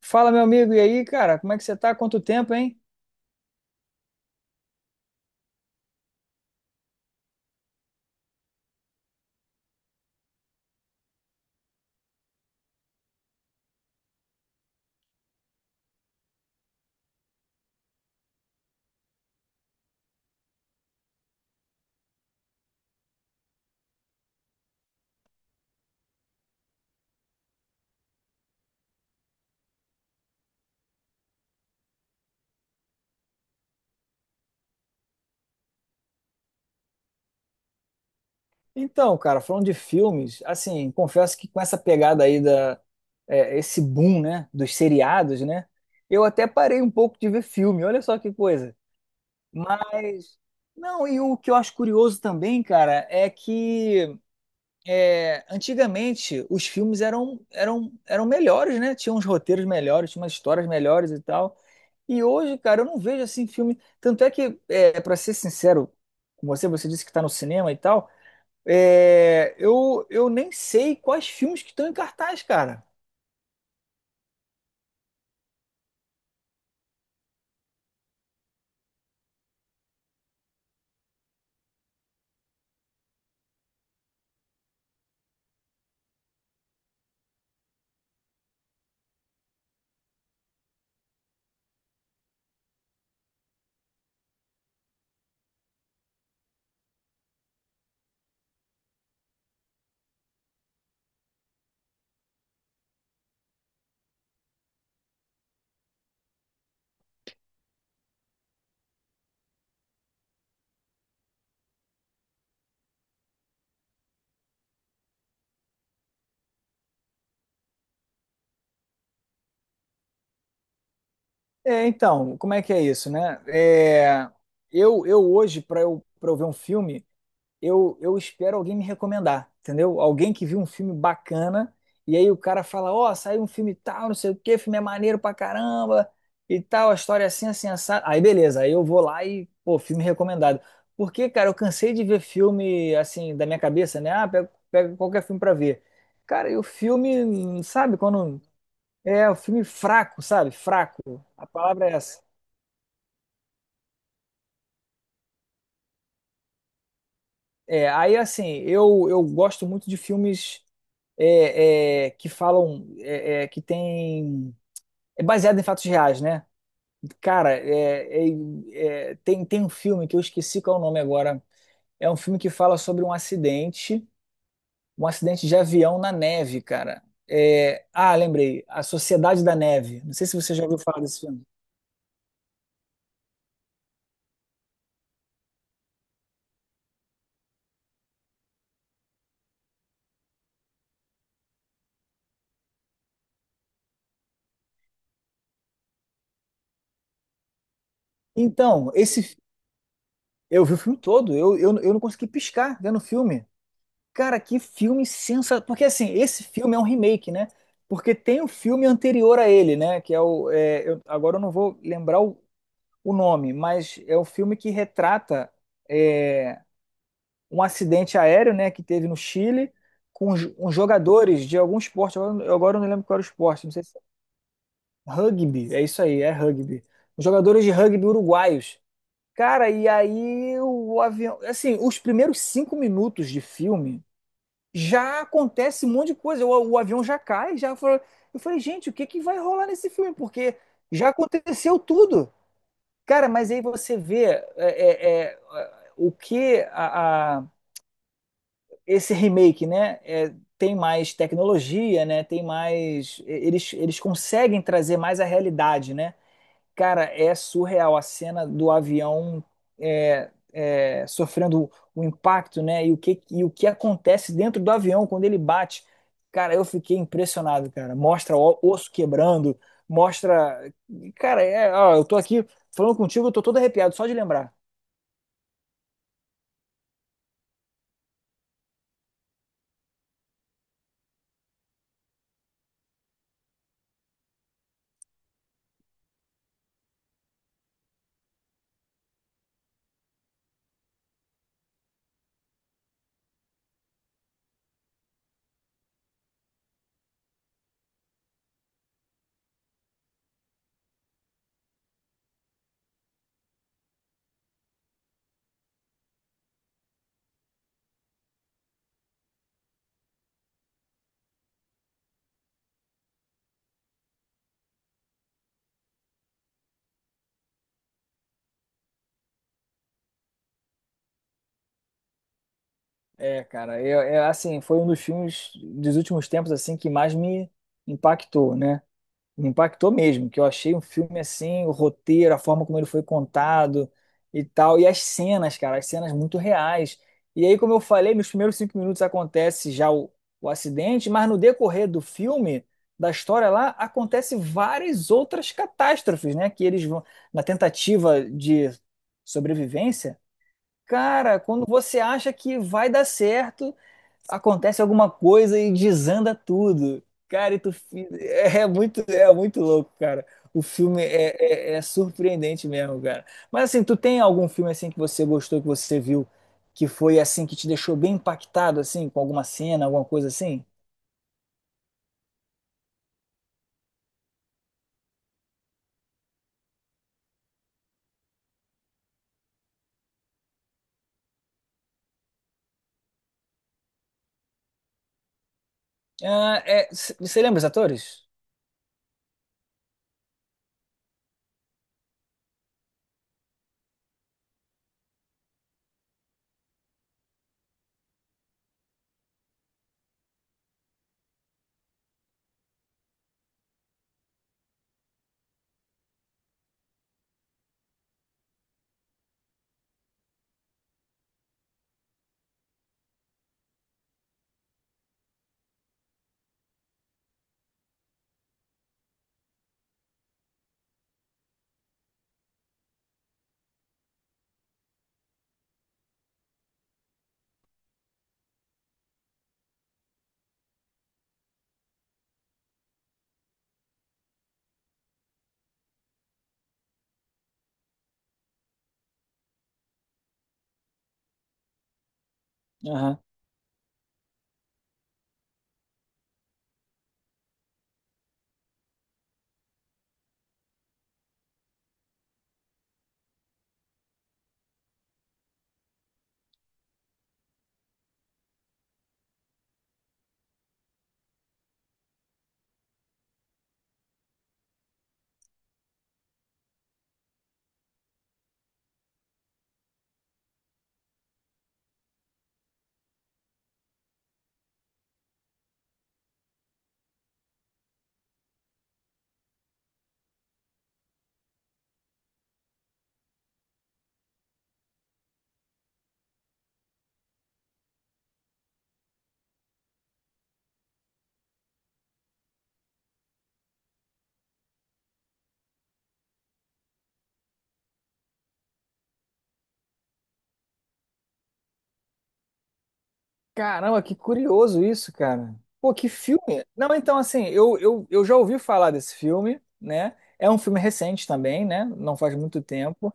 Fala, meu amigo, e aí, cara, como é que você tá? Quanto tempo, hein? Então, cara, falando de filmes, assim, confesso que com essa pegada aí da esse boom, né, dos seriados, né, eu até parei um pouco de ver filme. Olha só que coisa. Mas não, e o que eu acho curioso também, cara, é que antigamente os filmes eram melhores, né? Tinham uns roteiros melhores, tinham umas histórias melhores e tal. E hoje, cara, eu não vejo assim filme. Tanto é que, para ser sincero com você, você disse que tá no cinema e tal. Eu nem sei quais filmes que estão em cartaz, cara. É, então, como é que é isso, né? Eu hoje, para eu ver um filme. Eu espero alguém me recomendar, entendeu? Alguém que viu um filme bacana e aí o cara fala, ó, saiu um filme tal, não sei o quê, o filme é maneiro pra caramba e tal, a história é assim, assim, assado. Aí beleza, aí eu vou lá e, pô, filme recomendado. Porque, cara, eu cansei de ver filme, assim, da minha cabeça, né? Ah, pega qualquer filme pra ver. Cara, e o filme, sabe, quando... É, o filme fraco, sabe? Fraco. A palavra é essa. É, aí, assim, eu gosto muito de filmes que falam que tem baseado em fatos reais, né? Cara, tem um filme que eu esqueci qual é o nome agora. É um filme que fala sobre um acidente de avião na neve, cara. É, ah, lembrei, A Sociedade da Neve. Não sei se você já ouviu falar desse filme. Então, esse eu vi o filme todo, eu não consegui piscar vendo o filme. Cara, que filme sensacional. Porque assim, esse filme é um remake, né? Porque tem o filme anterior a ele, né? Que é o. Agora eu não vou lembrar o nome, mas é o filme que retrata é, um acidente aéreo, né? Que teve no Chile com os, uns jogadores de algum esporte. Agora, agora eu não lembro qual era o esporte, não sei se. É Rugby, é isso aí, é rugby. Os jogadores de rugby uruguaios. Cara, e aí o avião. Assim, os primeiros 5 minutos de filme já acontece um monte de coisa. O avião já cai, já falou. Eu falei, gente, o que que vai rolar nesse filme? Porque já aconteceu tudo. Cara, mas aí você vê é, é, é, o que a- esse remake, né? Tem mais tecnologia, né? Tem mais. Eles conseguem trazer mais a realidade, né? Cara, é surreal a cena do avião sofrendo o impacto, né? E o que acontece dentro do avião quando ele bate. Cara, eu fiquei impressionado, cara. Mostra o osso quebrando, mostra. Cara, é, ó, eu tô aqui falando contigo, eu tô todo arrepiado só de lembrar. É, cara, eu, é, assim, foi um dos filmes dos últimos tempos assim que mais me impactou, né? Me impactou mesmo, que eu achei um filme assim, o roteiro, a forma como ele foi contado e tal, e as cenas, cara, as cenas muito reais. E aí, como eu falei, nos primeiros 5 minutos acontece já o acidente, mas no decorrer do filme, da história lá, acontece várias outras catástrofes, né? Que eles vão, na tentativa de sobrevivência, cara, quando você acha que vai dar certo, acontece alguma coisa e desanda tudo. Cara, e tu muito, é muito louco, cara. O filme é surpreendente mesmo, cara. Mas assim, tu tem algum filme assim que você gostou, que você viu, que foi assim, que te deixou bem impactado, assim, com alguma cena, alguma coisa assim? Ah, você lembra os atores? Caramba, que curioso isso, cara. Pô, que filme. Não, então, assim, eu já ouvi falar desse filme, né? É um filme recente também, né? Não faz muito tempo.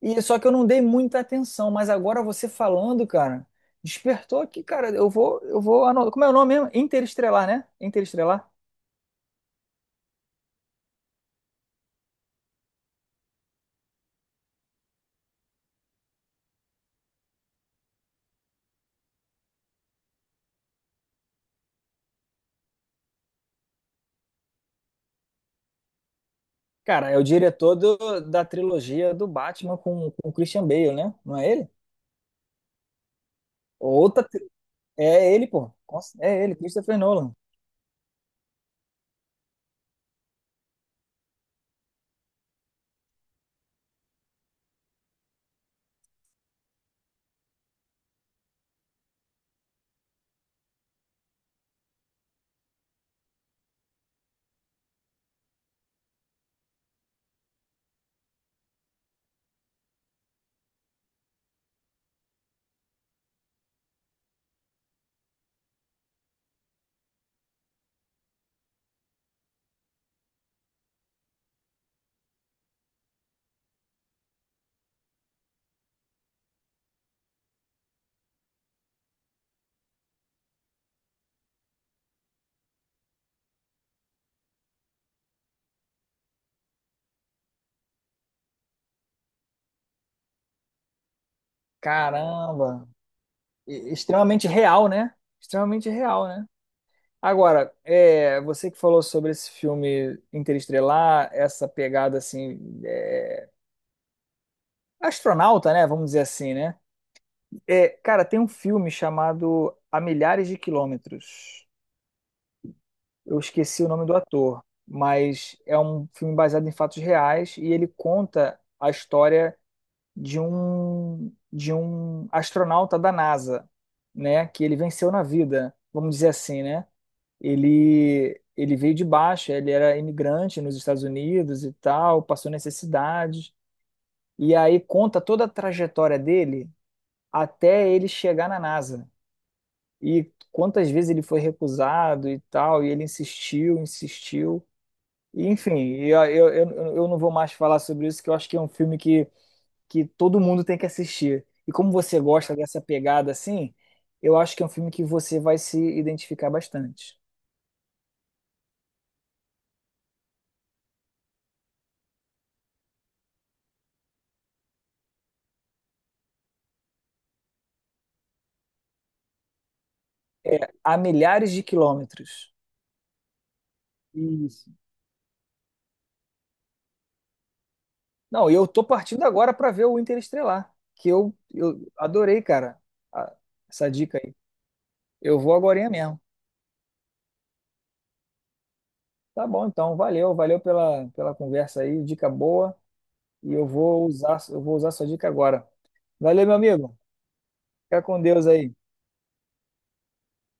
E só que eu não dei muita atenção, mas agora você falando, cara, despertou aqui, cara. Como é o nome mesmo? Interestelar, né? Interestelar. Cara, é o diretor da trilogia do Batman com o Christian Bale, né? Não é ele? Outra. tri- É ele, pô. Nossa, é ele, Christopher Nolan. Caramba. Extremamente real, né? Extremamente real, né? Agora, é, você que falou sobre esse filme Interestelar, essa pegada assim, é, astronauta, né? Vamos dizer assim, né? É, cara, tem um filme chamado A Milhares de Quilômetros. Eu esqueci o nome do ator, mas é um filme baseado em fatos reais e ele conta a história de um astronauta da NASA, né? Que ele venceu na vida, vamos dizer assim, né? Ele veio de baixo, ele era imigrante nos Estados Unidos e tal, passou necessidades. E aí conta toda a trajetória dele até ele chegar na NASA. E quantas vezes ele foi recusado e tal, e ele insistiu, insistiu. E, enfim, eu não vou mais falar sobre isso, que eu acho que é um filme que todo mundo tem que assistir. E como você gosta dessa pegada assim, eu acho que é um filme que você vai se identificar bastante. É, a milhares de quilômetros. Isso. Não, e eu tô partindo agora para ver o Interestelar, que eu adorei, cara, a- essa dica aí. Eu vou agorinha mesmo. Tá bom, então, valeu, valeu pela, pela conversa aí, dica boa, e eu vou usar sua dica agora. Valeu, meu amigo. Fica com Deus aí.